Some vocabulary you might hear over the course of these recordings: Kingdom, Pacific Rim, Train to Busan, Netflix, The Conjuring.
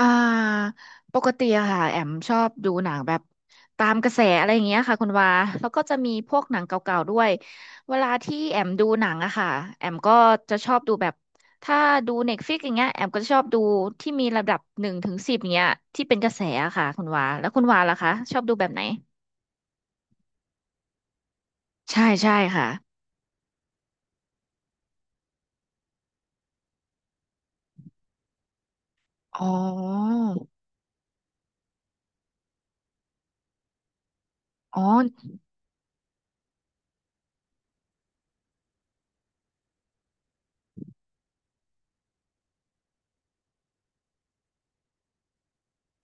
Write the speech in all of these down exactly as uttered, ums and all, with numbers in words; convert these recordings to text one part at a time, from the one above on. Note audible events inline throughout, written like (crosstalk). อ่าปกติอะค่ะแอมชอบดูหนังแบบตามกระแสอะไรอย่างเงี้ยค่ะคุณวาแล้วก็จะมีพวกหนังเก่าๆด้วยเวลาที่แอมดูหนังอะค่ะแอมก็จะชอบดูแบบถ้าดูเน็ตฟลิกอย่างเงี้ยแอมก็จะชอบดูที่มีระดับหนึ่งถึงสิบเงี้ยที่เป็นกระแสอะค่ะคุณวาแล้วคุณวาล่ะคะชอบดูแบบไหนใช่ใช่ค่ะอ๋ออ๋อ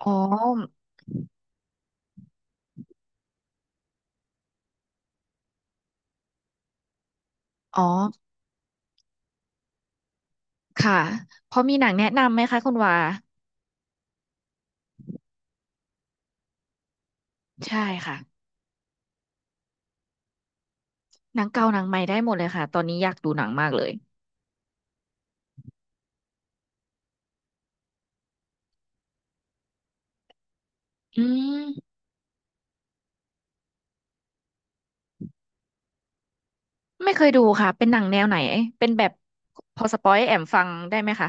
อ๋ออ๋อค่ะพอมีหนังแนะนำไหมคะคุณวาใช่ค่ะ หนังเก่าหนังใหม่ได้หมดเลยค่ะตอนนี้อยากดูหนังมากเลยอืมไม่เคยดูค่ะเป็นหนังแนวไหนเป็นแบบพอสปอยให้แอมฟังได้ไหมคะ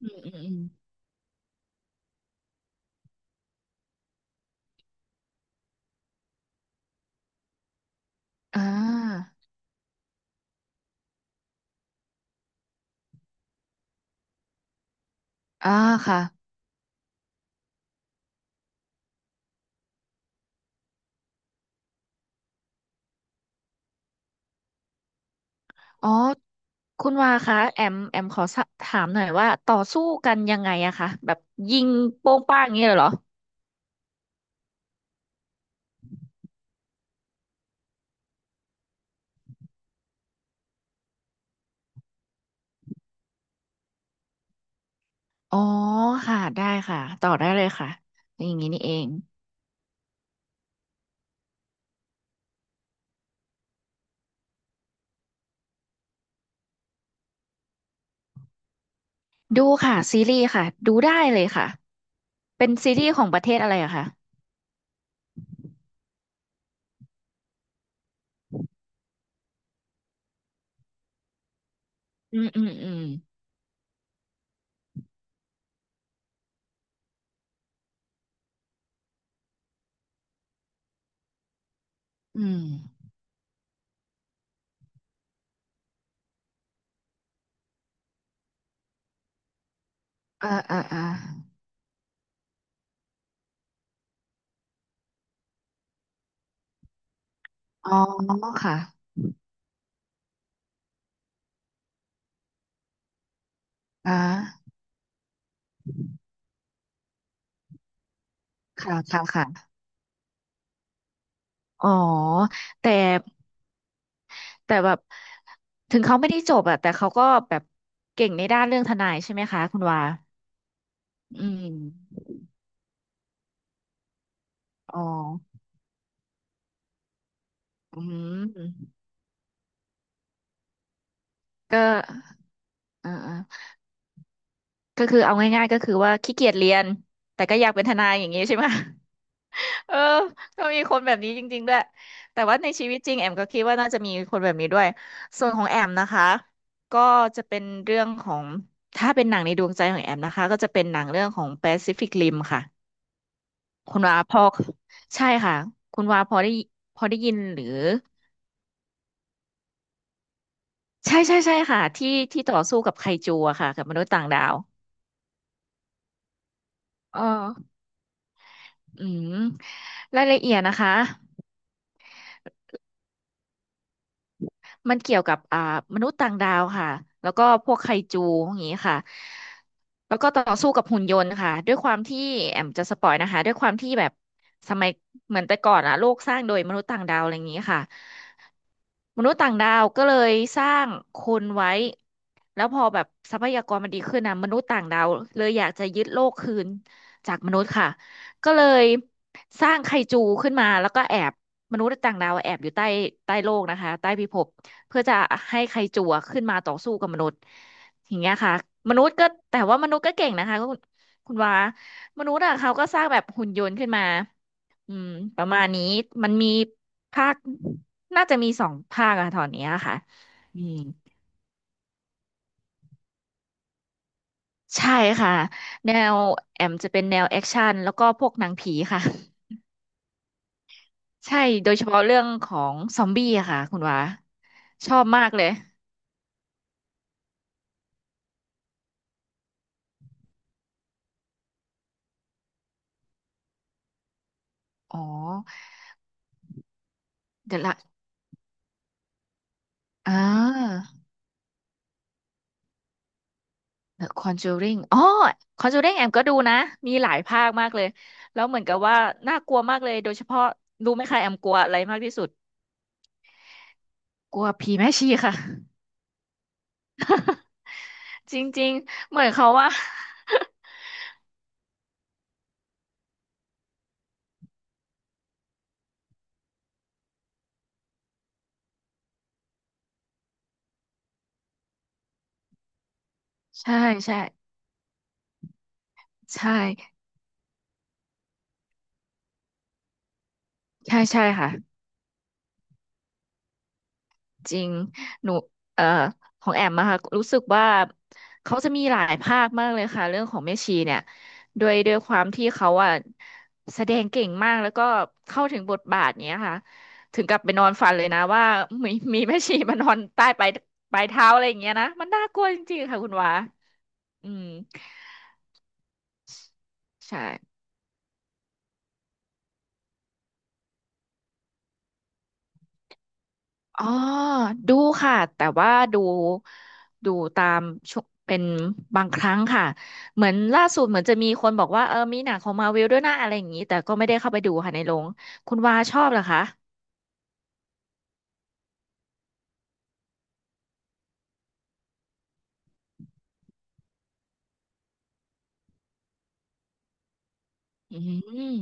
อืมอืมอืมอ่าอ่าค่ะอ๋อคุณวาคะแอมแอมขอสะถามหน่อยว่าต่อสู้กันยังไงอะคะแบบยิงโป้งป้างอย่างนี้เลยเหรออ๋อค่ะได้ค่ะต่อได้เลยค่ะอย่างนี้นี่เองดูค่ะซีรีส์ค่ะดูได้เลยค่ะเป็นซีรีส์ของประเทศอะไรอะคะอืมอืมอืมอืม อ่าอ่าอ่าอ๋อค่ะอ่าค่ะค่ะค่ะอ๋อแต่แต่แบบถึงเขาไม่ได้จบอะแต่เขาก็แบบเก่งในด้านเรื่องทนายใช่ไหมคะคุณวาอืมอ๋ออืมก็อ่าอ่าก็คือเอาง่ายๆก็คือว่าขี้เกียจเรียนแต่ก็อยากเป็นทนายอย่างนี้ใช่ไหม เออก็มีคนแบบนี้จริงๆด้วย แต่ว่าในชีวิตจริงแอมก็คิดว่าน่าจะมีคนแบบนี้ด้วย ส่วนของแอมนะคะ ก็จะเป็นเรื่องของถ้าเป็นหนังในดวงใจของแอมนะคะก็จะเป็นหนังเรื่องของ Pacific Rim ค่ะ คุณวาพอใช่ค่ะ คุณวาพอได้พอได้ยินหรือใช่ใช่ใช่ค่ะที่ที่ต่อสู้กับไคจูอะค่ะกับมนุษย์ต่างดาวเอออืมรายละเอียดนะคะ มันเกี่ยวกับอ่ามนุษย์ต่างดาวค่ะ แล้วก็พวกไคจูอย่างนี้ค่ะแล้วก็ต่อสู้กับหุ่นยนต์ค่ะ ด้วยความที่แอมจะสปอยนะคะด้วยความที่แบบสมัยเหมือนแต่ก่อนอะโลกสร้างโดยมนุษย์ต่างดาวอะไรอย่างนี้ค่ะ มนุษย์ต่างดาวก็เลยสร้างคนไว้ แล้วพอแบบทรัพยากรมันดีขึ้นนะมนุษย์ต่างดาวเลยอยากจะยึดโลกคืนจากมนุษย์ค่ะก็เลยสร้างไคจูขึ้นมาแล้วก็แอบมนุษย์ต่างดาวแอบอยู่ใต้ใต้โลกนะคะใต้พิภพเพื่อจะให้ไคจูอะขึ้นมาต่อสู้กับมนุษย์อย่างเงี้ยค่ะมนุษย์ก็แต่ว่ามนุษย์ก็เก่งนะคะคุณคุณวามนุษย์อะเขาก็สร้างแบบหุ่นยนต์ขึ้นมา อืมประมาณนี้มันมีภาคน่าจะมีสองภาคอะตอนเนี้ยค่ะอืมใช่ค่ะแนวแอมจะเป็นแนวแอคชั่นแล้วก็พวกหนังผีค่ะ (laughs) ใช่โดยเฉพาะเรื่องของซอมบี้อะค่ะคุณวาชอบมากเลยอ๋อเดี๋ยวละอ่า The Conjuring อ๋อ Conjuring แอมก็ดูนะมีหลายภาคมากเลยแล้วเหมือนกับว่าน่ากลัวมากเลยโดยเฉพาะรู้ไหมคะแอมกลัวอะไรมากที่สุดกลัวผีแม่ชีค่ะ จริงๆเหมือนเขาว่า (laughs) ใช่ใช่ใช่ใช่ใช่ค่ะจริงหนูเอ่อของแอมอะค่ะรู้สึกว่าเขาจะมีหลายภาคมากเลยค่ะเรื่องของแม่ชีเนี่ยด้วยด้วยความที่เขาอะแสดงเก่งมากแล้วก็เข้าถึงบทบาทเนี้ยค่ะถึงกับไปนอนฝันเลยนะว่ามีมีแม่ชีมานอนใต้ปลายปลายเท้าอะไรอย่างเงี้ยนะมันน่ากลัวจริงๆค่ะคุณวาอืมใช่ อ๋อ ดูค่ะ แต่ว่าดูดูตามช่วงเป็นบางครั้งค่ะ เหมือนล่าสุดเหมือนจะมีคนบอกว่าเออ มีหนังของมาวิลด้วยนะอะไรอย่างนี้ แต่ก็ไม่ได้เข้าไปดูค่ะในโรงคุณวาชอบเหรอคะอืม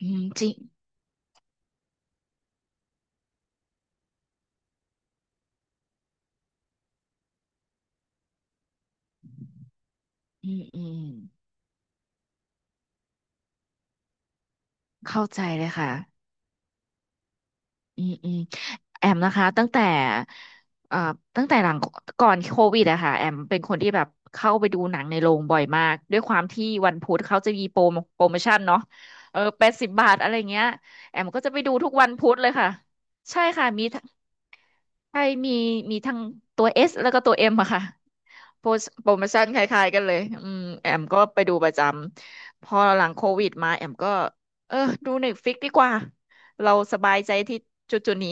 อืมจริงอืมอืมเข้าใจเลยค่ะ อืมอืมแอมนะคะตั้งแต่เอ่อตั้งแต่หลังก่อนโควิดอะค่ะแอมเป็นคนที่แบบเข้าไปดูหนังในโรงบ่อยมากด้วยความที่วันพุธเขาจะมีโปรโมปรโมชั่นเนาะเออแปดสิบบาทอะไรเงี้ยแอมก็จะไปดูทุกวันพุธเลยค่ะใช่ค่ะมีทั้งใช่มีมีทั้งตัวเอสแล้วก็ตัวเอ็มอะค่ะโปรโปรโมชั่นคล้ายๆกันเลยอืมแอมก็ไปดูประจำพอหลังโควิดมาแอมก็เออดูเน็ตฟลิกดีกว่าเราสบายใจที่จุดๆนี้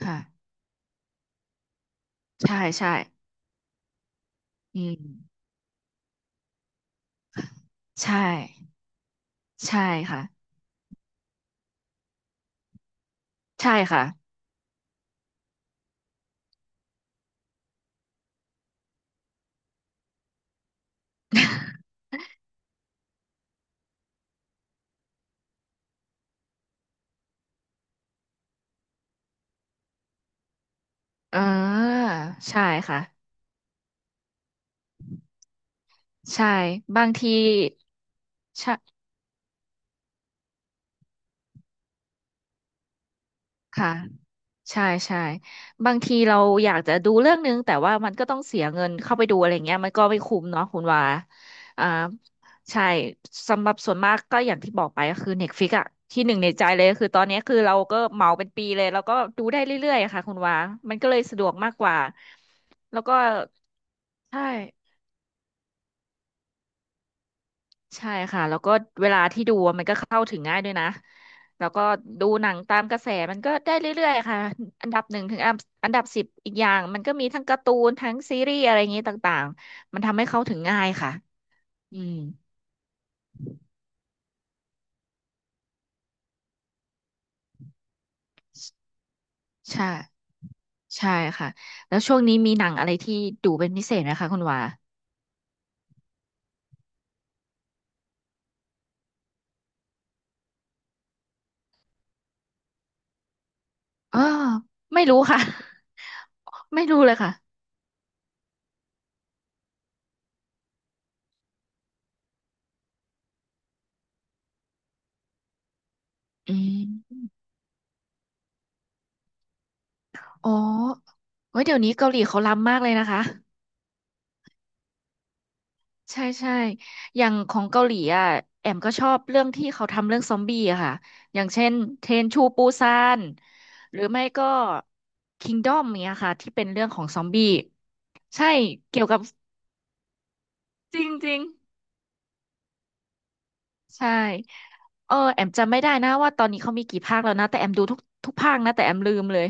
ค่ะใช่ใช่อืมใช่ใช่ค่ะใช่ค่ะ (laughs) เออใช่ค่ะใช่บางทีใช่ค่ะใช่ใช่บางทีเราอยากจะดูเรื่องนึงแต่ว่ามันก็ต้องเสียเงินเข้าไปดูอะไรเงี้ยมันก็ไม่คุ้มเนาะคุณว่าอ่าใช่สำหรับส่วนมากก็อย่างที่บอกไปก็คือ เน็ตฟลิกซ์ อะที่หนึ่งในใจเลยคือตอนนี้คือเราก็เหมาเป็นปีเลยแล้วก็ดูได้เรื่อยๆอะค่ะคุณว่ามันก็เลยสะดวกมากกว่าแล้วก็ ใช่ใช่ค่ะแล้วก็เวลาที่ดูอะมันก็เข้าถึงง่ายด้วยนะแล้วก็ดูหนังตามกระแสมันก็ได้เรื่อยๆค่ะอันดับหนึ่งถึงอันดับอันดับสิบอีกอย่างมันก็มีทั้งการ์ตูนทั้งซีรีส์อะไรอย่างนี้ต่างๆมันทำให้เข้าถึงง่ายค่ะอืมใช่ใช่ค่ะแล้วช่วงนี้มีหนังอะไรที่ดูเป็นพิเศษไหมคะคุณวาอ๋อไม่รู้ค่ะ (laughs) ไม่รู้เลยค่ะอืมอ๋อเฮ้ยเดี๋ยวนี้เกาหลีเขาล้ำมากเลยนะคะ ใช่ใช่อย่างของเกาหลีอ่ะแอมก็ชอบเรื่องที่เขาทำเรื่องซอมบี้อะค่ะ อย่างเช่นเทรนชูปูซานหรือไม่ก็คิงดอมเนี้ยค่ะที่เป็นเรื่องของซอมบี้ใช่เกี่ยวกับจริงจริงใช่เออแอมจำไม่ได้นะว่าตอนนี้เขามีกี่ภาคแล้วนะแต่แอมดูทุกทุกภาคนะแต่แอมลืมเลย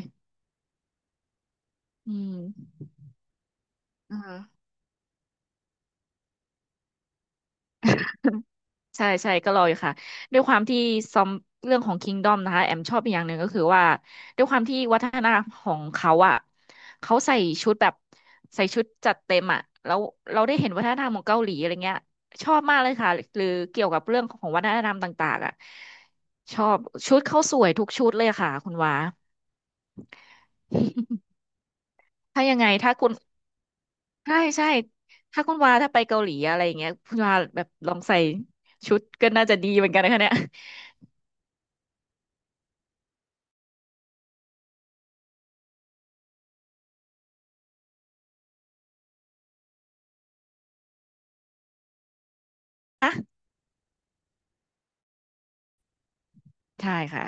อืมอ่า ใช่ใช่ก็รออยู่ค่ะด้วยความที่ซอมเรื่องของ คิงดอม นะคะแอมชอบอีกอย่างหนึ่งก็คือว่าด้วยความที่วัฒนธรรมของเขาอ่ะเขาใส่ชุดแบบใส่ชุดจัดเต็มอ่ะแล้วเราได้เห็นวัฒนธรรมของเกาหลีอะไรเงี้ยชอบมากเลยค่ะหรือเกี่ยวกับเรื่องของวัฒนธรรมต่างๆอ่ะชอบชุดเขาสวยทุกชุดเลยค่ะคุณวา (laughs) ถ้ายังไงถ้าคุณใช่ใช่ถ้าคุณวาถ้าไปเกาหลีอะไรอย่างเงี้ยคุณวาแบบลองใส่ชุดก็น่าจะดีเหมือนกันนะคะเนี่ยใช่ค่ะ